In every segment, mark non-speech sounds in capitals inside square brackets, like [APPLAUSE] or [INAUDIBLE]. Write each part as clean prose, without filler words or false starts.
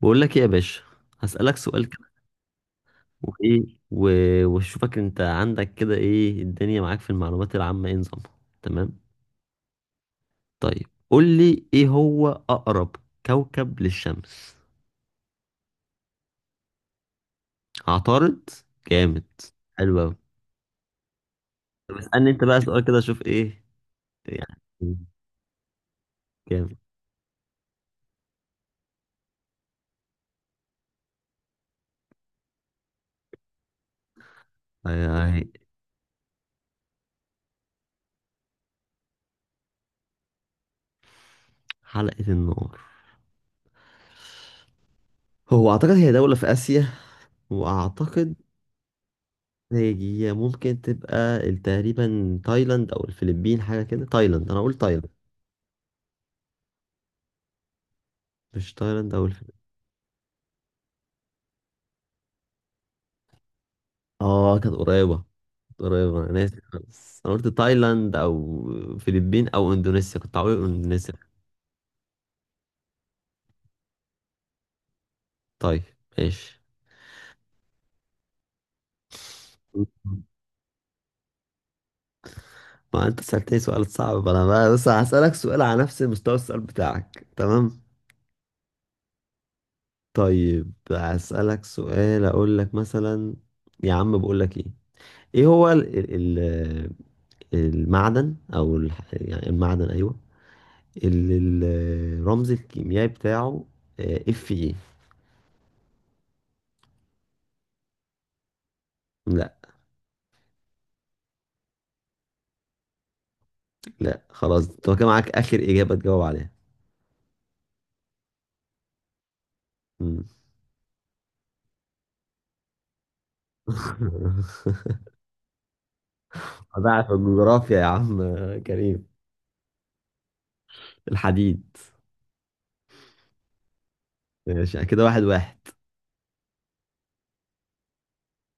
بقول لك ايه يا باشا. هسألك سؤال كده. وايه و... واشوفك انت عندك كده ايه الدنيا معاك في المعلومات العامة، ايه نظامها؟ تمام. طيب قول لي ايه هو اقرب كوكب للشمس؟ عطارد. جامد، حلو قوي. طب اسألني انت بقى سؤال كده اشوف ايه يعني. جامد. هاي- هاي. حلقة النار، هو اعتقد هي دولة في اسيا، واعتقد هي ممكن تبقى تقريبا تايلاند او الفلبين، حاجة كده. تايلاند، انا اقول تايلاند. مش تايلاند او الفلبين؟ اه، كانت قريبة. كانت قريبة، انا ناسي خالص. انا قلت تايلاند او فلبين او اندونيسيا. كنت عاوز أقول اندونيسيا. طيب ماشي. [LAUGHS] ما انت سألتني سؤال صعب، انا بقى بس هسألك سؤال على نفس مستوى السؤال بتاعك، تمام؟ طيب هسألك سؤال، اقول لك مثلا، يا عم بقول لك ايه، ايه هو المعدن، او ال يعني المعدن، ايوه، اللي الرمز الكيميائي بتاعه اف ايه؟ لا. لا خلاص، طب كان معاك آخر إجابة تجاوب عليها. مم. [LAUGHS] ضاع في الجغرافيا يا عم كريم. الحديد. ماشي، كده واحد واحد.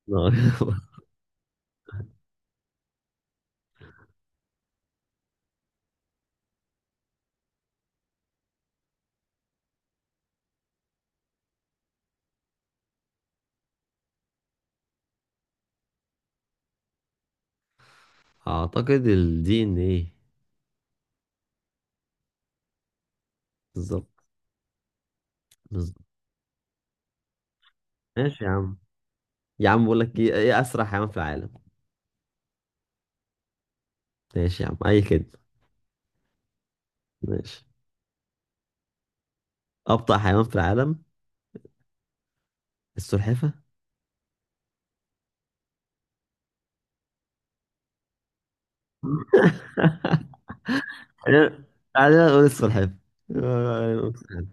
[LAUGHS] أعتقد ال DNA. بالظبط. بالظبط. ماشي يا عم. يا عم بقول لك إيه، إيه أسرع حيوان في العالم؟ ماشي يا عم، أي كده. ماشي. أبطأ حيوان في العالم؟ السلحفة. خلينا، خلينا نقول السلحفة. [LAUGHS]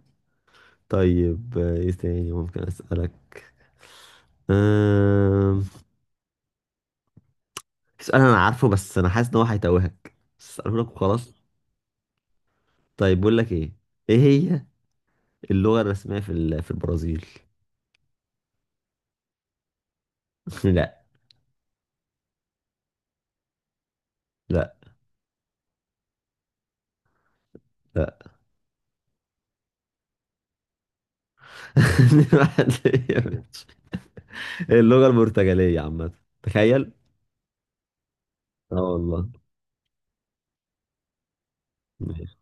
طيب إيه تاني ممكن أسألك؟ أمم. سؤال انا عارفه، بس انا حاسس ان هو هيتوهك، بس اساله لك وخلاص. طيب بقول لك ايه، ايه هي اللغة الرسمية في البرازيل؟ [LAUGHS] لا. لا. لا. [LAUGHS] اللغة البرتغالية عامة، تخيل. اه والله. ماشي.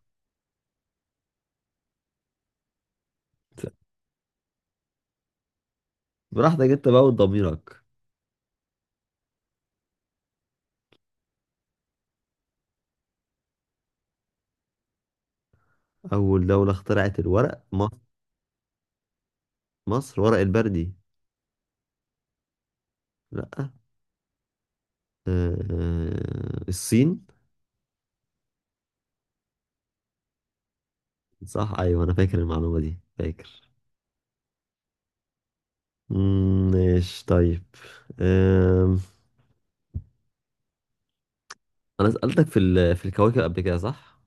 براحتك انت بقى وضميرك. اول دولة اخترعت الورق؟ مصر. مصر، ورق البردي. لا. آه، آه، الصين. صح، ايوه انا فاكر المعلومة دي، فاكر. مم، ماشي طيب. انا سألتك في الكواكب قبل كده، صح؟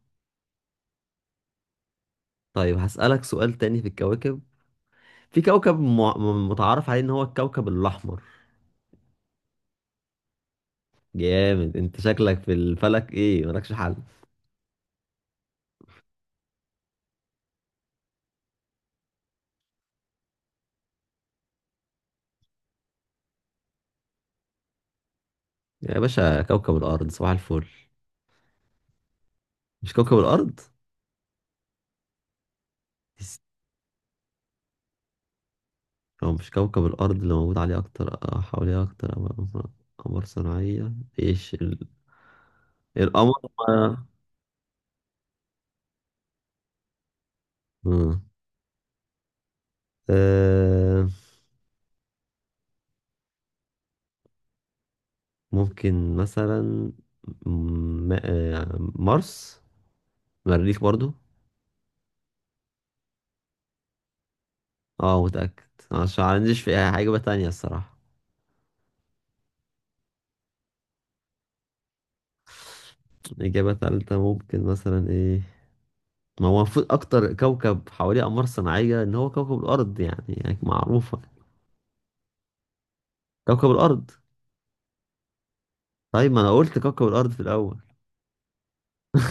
طيب هسألك سؤال تاني في الكواكب. في كوكب متعارف عليه ان هو الكوكب الاحمر. جامد، انت شكلك في الفلك ايه، مالكش حل. يا باشا كوكب الارض، صباح الفل. مش كوكب الارض؟ هو مش كوكب الارض اللي موجود عليه اكتر حواليه اكتر قمر؟ قمر صناعية. ايش القمر. آه، مم. آه، ممكن مثلا مارس، مريخ برضو. اه، متأكد. عشان ما عنديش في أي حاجة تانية الصراحة. إجابة تالتة ممكن مثلا إيه؟ ما هو المفروض أكتر كوكب حواليه أقمار صناعية إن هو كوكب الأرض، يعني معروفة. كوكب الأرض. طيب ما أنا قلت كوكب الأرض في الأول.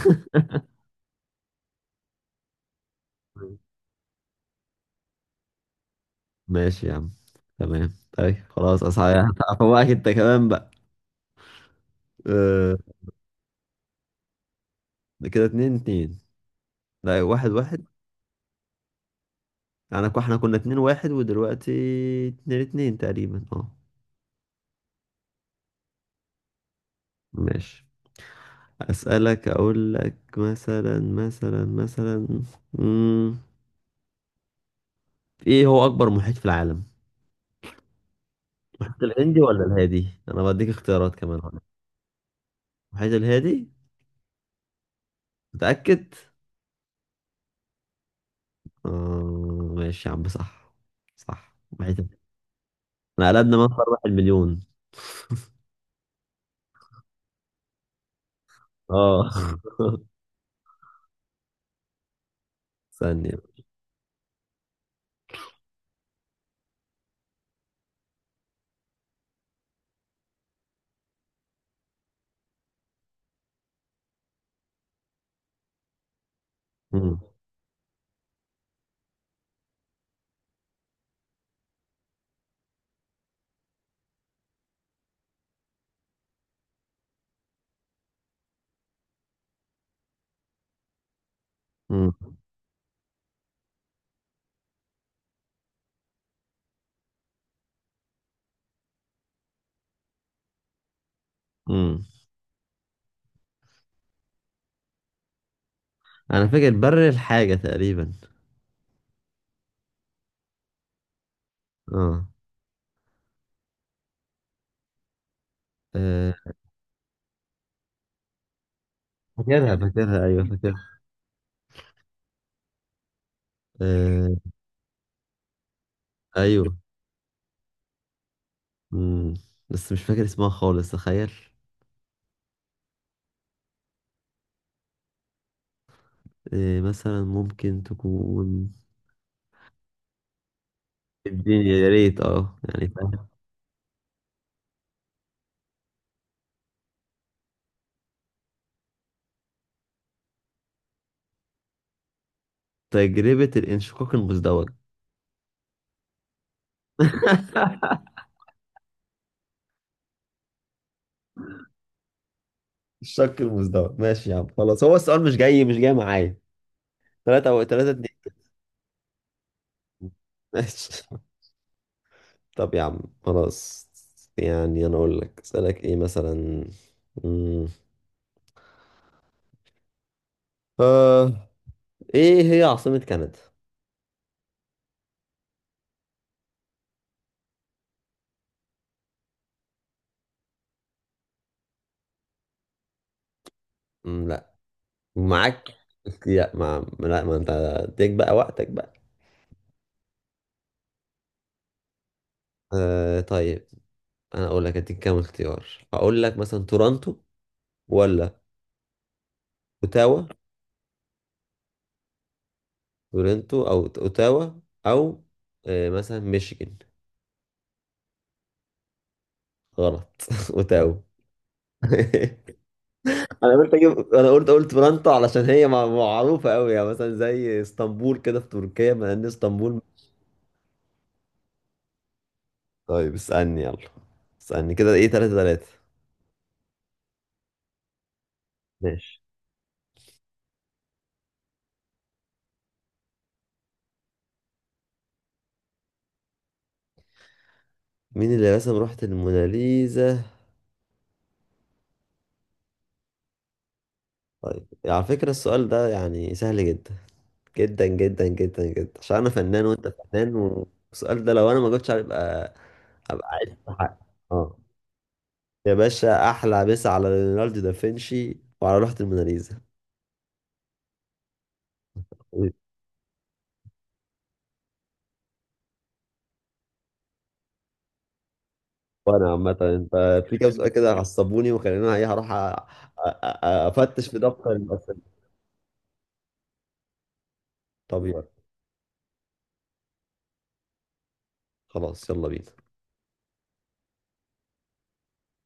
[LAUGHS] ماشي يا عم، تمام. طيب خلاص أصحى. هفوقك [LAUGHS] أنت كمان بقى. أه. كده اتنين اتنين. لا واحد واحد. أنا يعني إحنا كنا اتنين واحد ودلوقتي اتنين اتنين تقريبا، اه. ماشي. أسألك أقول لك مثلا، مثلا، مثلا، مم. إيه هو أكبر محيط في العالم؟ المحيط الهندي ولا الهادي؟ أنا بديك اختيارات كمان هنا. المحيط الهادي؟ متأكد؟ آه ماشي يا عم، صح. صح، محيط الهادي. أنا قلبنا مصر واحد مليون. آه [LAUGHS] ثانية. مم. مم. مم. أنا فاكر بر الحاجة تقريبا. آه. آه، فاكرها، فاكرها، أيوه فاكرها. آه، أيوه. مم. بس مش فاكر اسمها خالص، تخيل. إيه مثلا ممكن تكون، الدنيا يا ريت اه يعني فاهم. تجربة الانشقاق المزدوج. الشق المزدوج، ماشي يا عم خلاص، هو السؤال مش جاي، مش جاي معايا. ثلاثة أو ثلاثة اتنين. ماشي. [LAUGHS] طب يا عم خلاص. يعني أنا أقول لك أسألك إيه مثلا، مم. آه، إيه هي عاصمة كندا؟ مم، لا. معاك. لا ما، لا ما أنت اديك بقى وقتك بقى. آه طيب، أنا أقول لك أديك كام اختيار. أقول لك مثلا تورونتو، ولا اوتاوا، تورنتو او اوتاوا، او آه، مثلا ميشيغان. غلط. [LAUGHS] اوتاوا. [LAUGHS] انا قلت اجيب، انا قلت قلت تورنتو علشان هي معروفه قوي، يعني مثلا زي اسطنبول كده في تركيا، ما ان اسطنبول. طيب اسالني يلا، اسالني كده ايه، 3-3. ماشي. مين اللي رسم لوحة الموناليزا؟ طيب على فكرة السؤال ده يعني سهل جدا، جدا جدا جدا جدا، عشان انا فنان وانت فنان، والسؤال ده لو انا ما جبتش عليه يبقى، ابقى عايش في حق. اه يا باشا، احلى مسا على ليوناردو دافنشي وعلى لوحة الموناليزا. وانا عامة انت في كام سؤال كده عصبوني، وخليني ايه هروح افتش في دفتر الاسئلة. طب يلا، خلاص يلا بينا.